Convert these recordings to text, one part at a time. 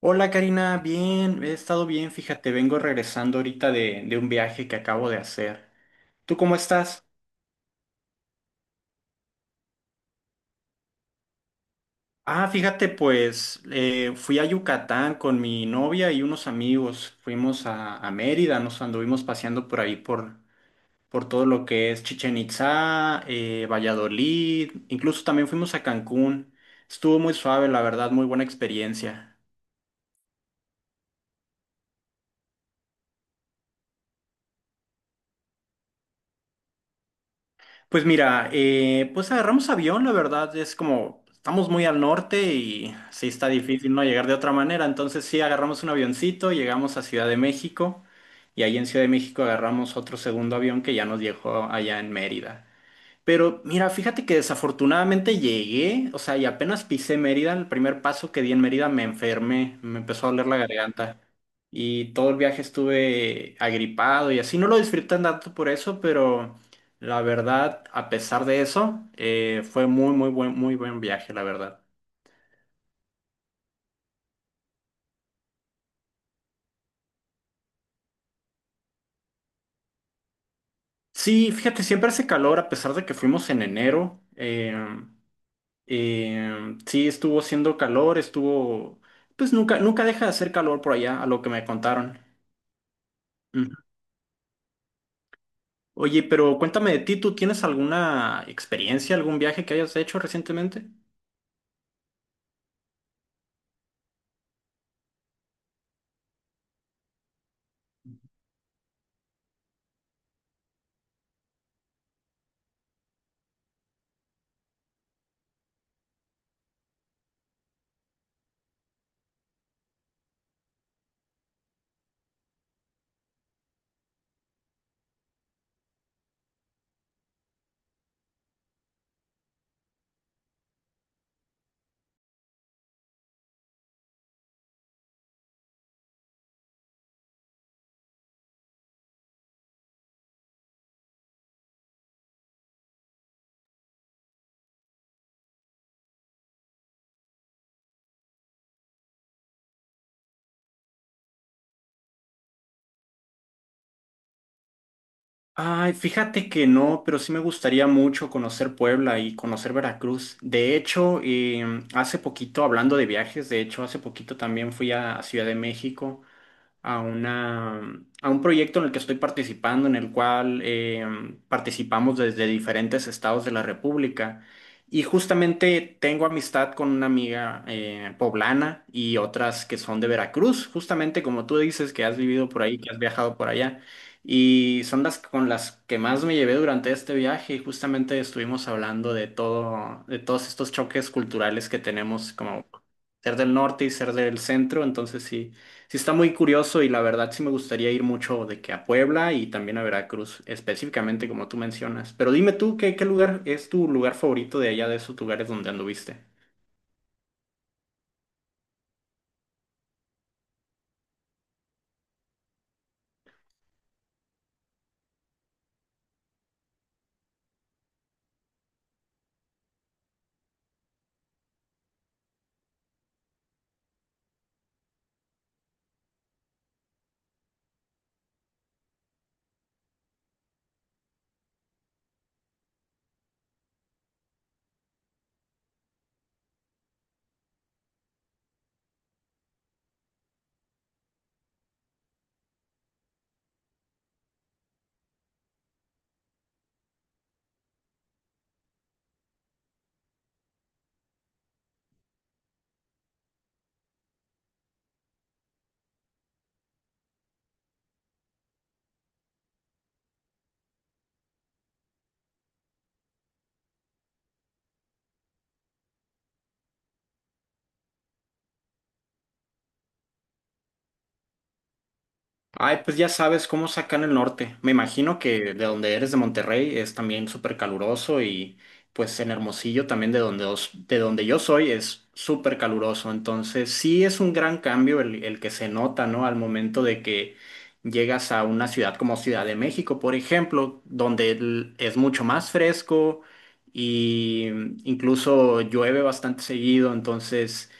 Hola Karina, bien, he estado bien, fíjate, vengo regresando ahorita de un viaje que acabo de hacer. ¿Tú cómo estás? Ah, fíjate, pues fui a Yucatán con mi novia y unos amigos, fuimos a Mérida, nos anduvimos paseando por ahí por todo lo que es Chichén Itzá, Valladolid, incluso también fuimos a Cancún. Estuvo muy suave, la verdad, muy buena experiencia. Pues mira, pues agarramos avión, la verdad, es como estamos muy al norte y sí está difícil no llegar de otra manera, entonces sí agarramos un avioncito, llegamos a Ciudad de México y ahí en Ciudad de México agarramos otro segundo avión que ya nos dejó allá en Mérida. Pero mira, fíjate que desafortunadamente llegué, o sea, y apenas pisé Mérida, el primer paso que di en Mérida me enfermé, me empezó a doler la garganta y todo el viaje estuve agripado y así, no lo disfruté tanto por eso, pero la verdad, a pesar de eso, fue muy, muy buen viaje, la verdad. Sí, fíjate, siempre hace calor a pesar de que fuimos en enero. Sí, estuvo haciendo calor, pues nunca, nunca deja de hacer calor por allá, a lo que me contaron. Oye, pero cuéntame de ti, ¿tú tienes alguna experiencia, algún viaje que hayas hecho recientemente? Ay, fíjate que no, pero sí me gustaría mucho conocer Puebla y conocer Veracruz. De hecho, hace poquito, hablando de viajes, de hecho, hace poquito también fui a Ciudad de México. a una, a un proyecto en el que estoy participando, en el cual participamos desde diferentes estados de la República. Y justamente tengo amistad con una amiga poblana y otras que son de Veracruz, justamente como tú dices, que has vivido por ahí, que has viajado por allá. Y son las con las que más me llevé durante este viaje y justamente estuvimos hablando de todo, de todos estos choques culturales que tenemos como ser del norte y ser del centro. Entonces sí, sí está muy curioso y la verdad sí me gustaría ir mucho de que a Puebla y también a Veracruz, específicamente como tú mencionas. Pero dime tú, ¿qué lugar es tu lugar favorito de allá de esos lugares donde anduviste? Ay, pues ya sabes cómo es acá en el norte. Me imagino que de donde eres de Monterrey es también súper caluroso y pues en Hermosillo también de donde yo soy es súper caluroso. Entonces sí es un gran cambio el que se nota, ¿no? Al momento de que llegas a una ciudad como Ciudad de México, por ejemplo, donde es mucho más fresco y incluso llueve bastante seguido. Entonces.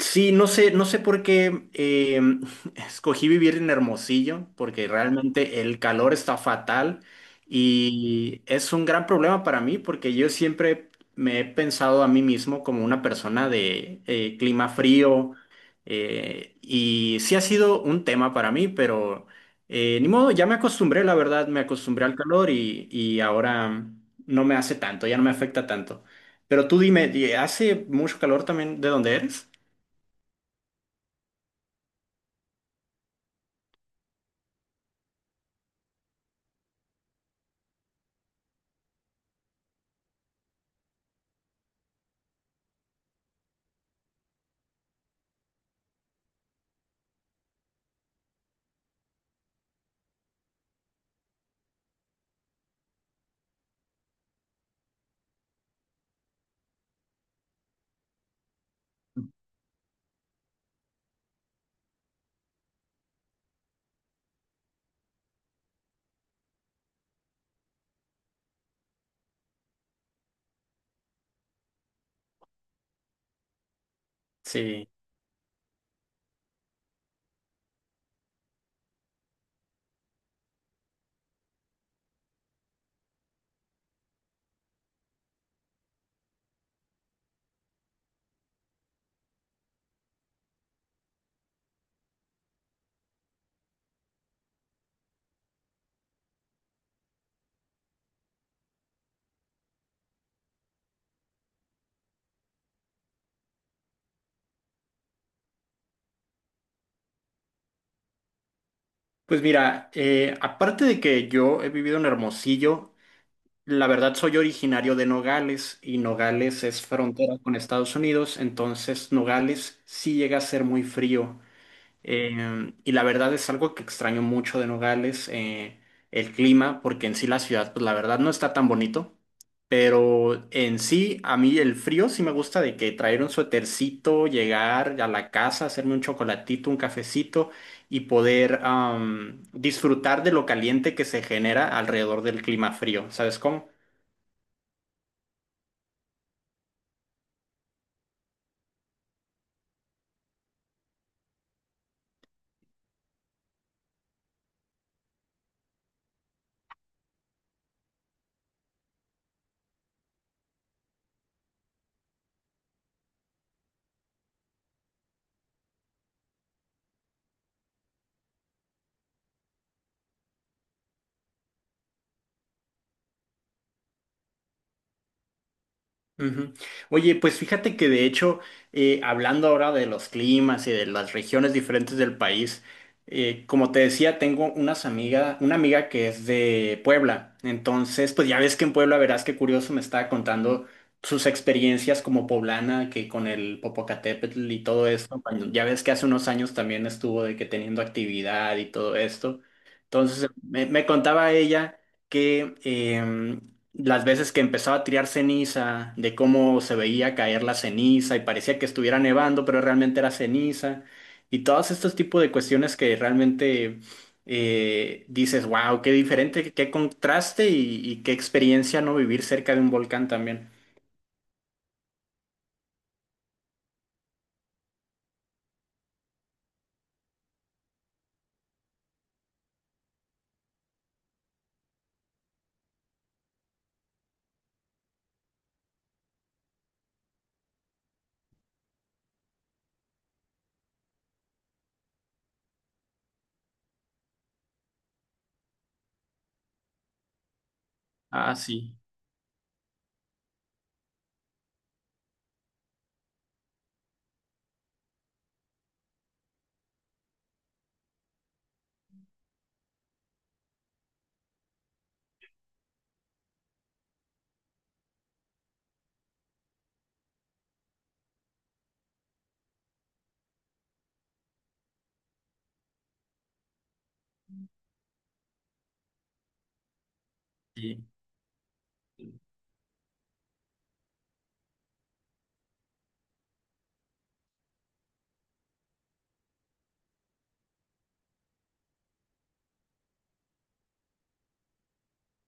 Sí, no sé por qué escogí vivir en Hermosillo, porque realmente el calor está fatal y es un gran problema para mí, porque yo siempre me he pensado a mí mismo como una persona de clima frío y sí ha sido un tema para mí, pero ni modo, ya me acostumbré, la verdad, me acostumbré al calor y ahora no me hace tanto, ya no me afecta tanto. Pero tú dime, ¿hace mucho calor también de donde eres? Sí, pues mira, aparte de que yo he vivido en Hermosillo, la verdad soy originario de Nogales y Nogales es frontera con Estados Unidos, entonces Nogales sí llega a ser muy frío y la verdad es algo que extraño mucho de Nogales, el clima, porque en sí la ciudad, pues la verdad no está tan bonito. Pero en sí, a mí el frío sí me gusta de que traer un suétercito, llegar a la casa, hacerme un chocolatito, un cafecito y poder disfrutar de lo caliente que se genera alrededor del clima frío. ¿Sabes cómo? Ujú. Oye, pues fíjate que de hecho, hablando ahora de los climas y de las regiones diferentes del país, como te decía, tengo una amiga que es de Puebla. Entonces, pues ya ves que en Puebla, verás qué curioso, me estaba contando sus experiencias como poblana, que con el Popocatépetl y todo esto. Ya ves que hace unos años también estuvo de que teniendo actividad y todo esto. Entonces, me contaba ella que las veces que empezaba a tirar ceniza, de cómo se veía caer la ceniza y parecía que estuviera nevando, pero realmente era ceniza, y todos estos tipos de cuestiones que realmente dices, wow, qué diferente, qué contraste y qué experiencia no vivir cerca de un volcán también. Ah, sí, sí,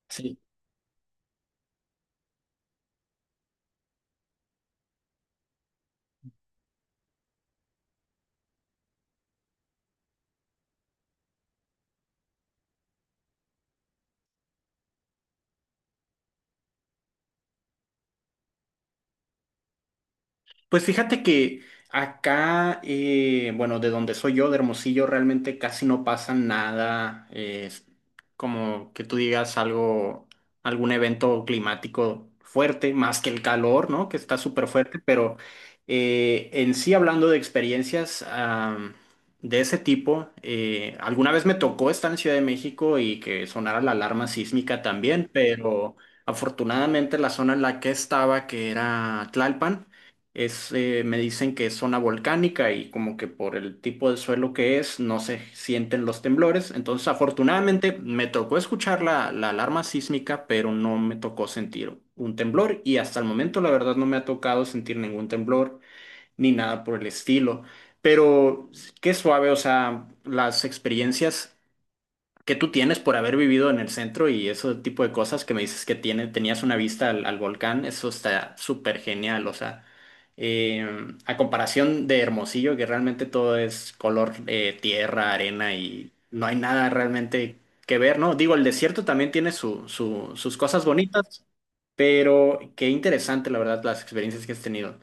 sí. Pues fíjate que acá, bueno, de donde soy yo, de Hermosillo, realmente casi no pasa nada, es como que tú digas algo, algún evento climático fuerte, más que el calor, ¿no? Que está súper fuerte, pero en sí hablando de experiencias de ese tipo, alguna vez me tocó estar en Ciudad de México y que sonara la alarma sísmica también, pero afortunadamente la zona en la que estaba, que era Tlalpan, me dicen que es zona volcánica y como que por el tipo de suelo que es no se sienten los temblores. Entonces, afortunadamente me tocó escuchar la alarma sísmica, pero no me tocó sentir un temblor y hasta el momento la verdad no me ha tocado sentir ningún temblor ni nada por el estilo. Pero qué suave, o sea, las experiencias que tú tienes por haber vivido en el centro y ese tipo de cosas que me dices que tenías una vista al volcán, eso está súper genial, o sea, eh, a comparación de Hermosillo, que realmente todo es color tierra, arena y no hay nada realmente que ver, ¿no? Digo, el desierto también tiene sus cosas bonitas, pero qué interesante, la verdad, las experiencias que has tenido.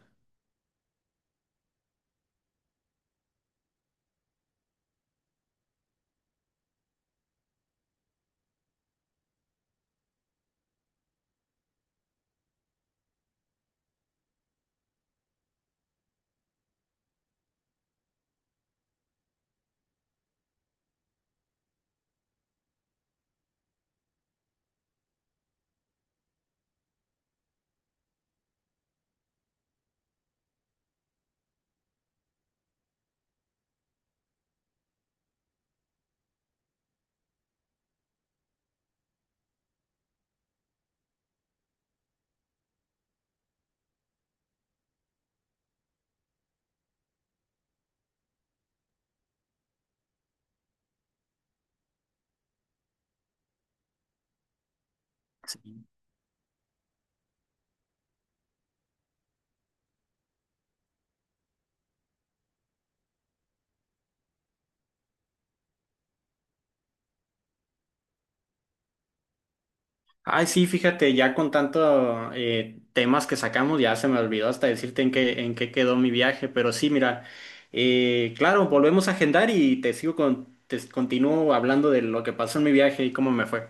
Ay, sí, fíjate, ya con tanto temas que sacamos, ya se me olvidó hasta decirte en qué quedó mi viaje, pero sí, mira, claro, volvemos a agendar y te continúo hablando de lo que pasó en mi viaje y cómo me fue.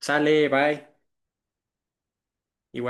Sale, bye. Igual.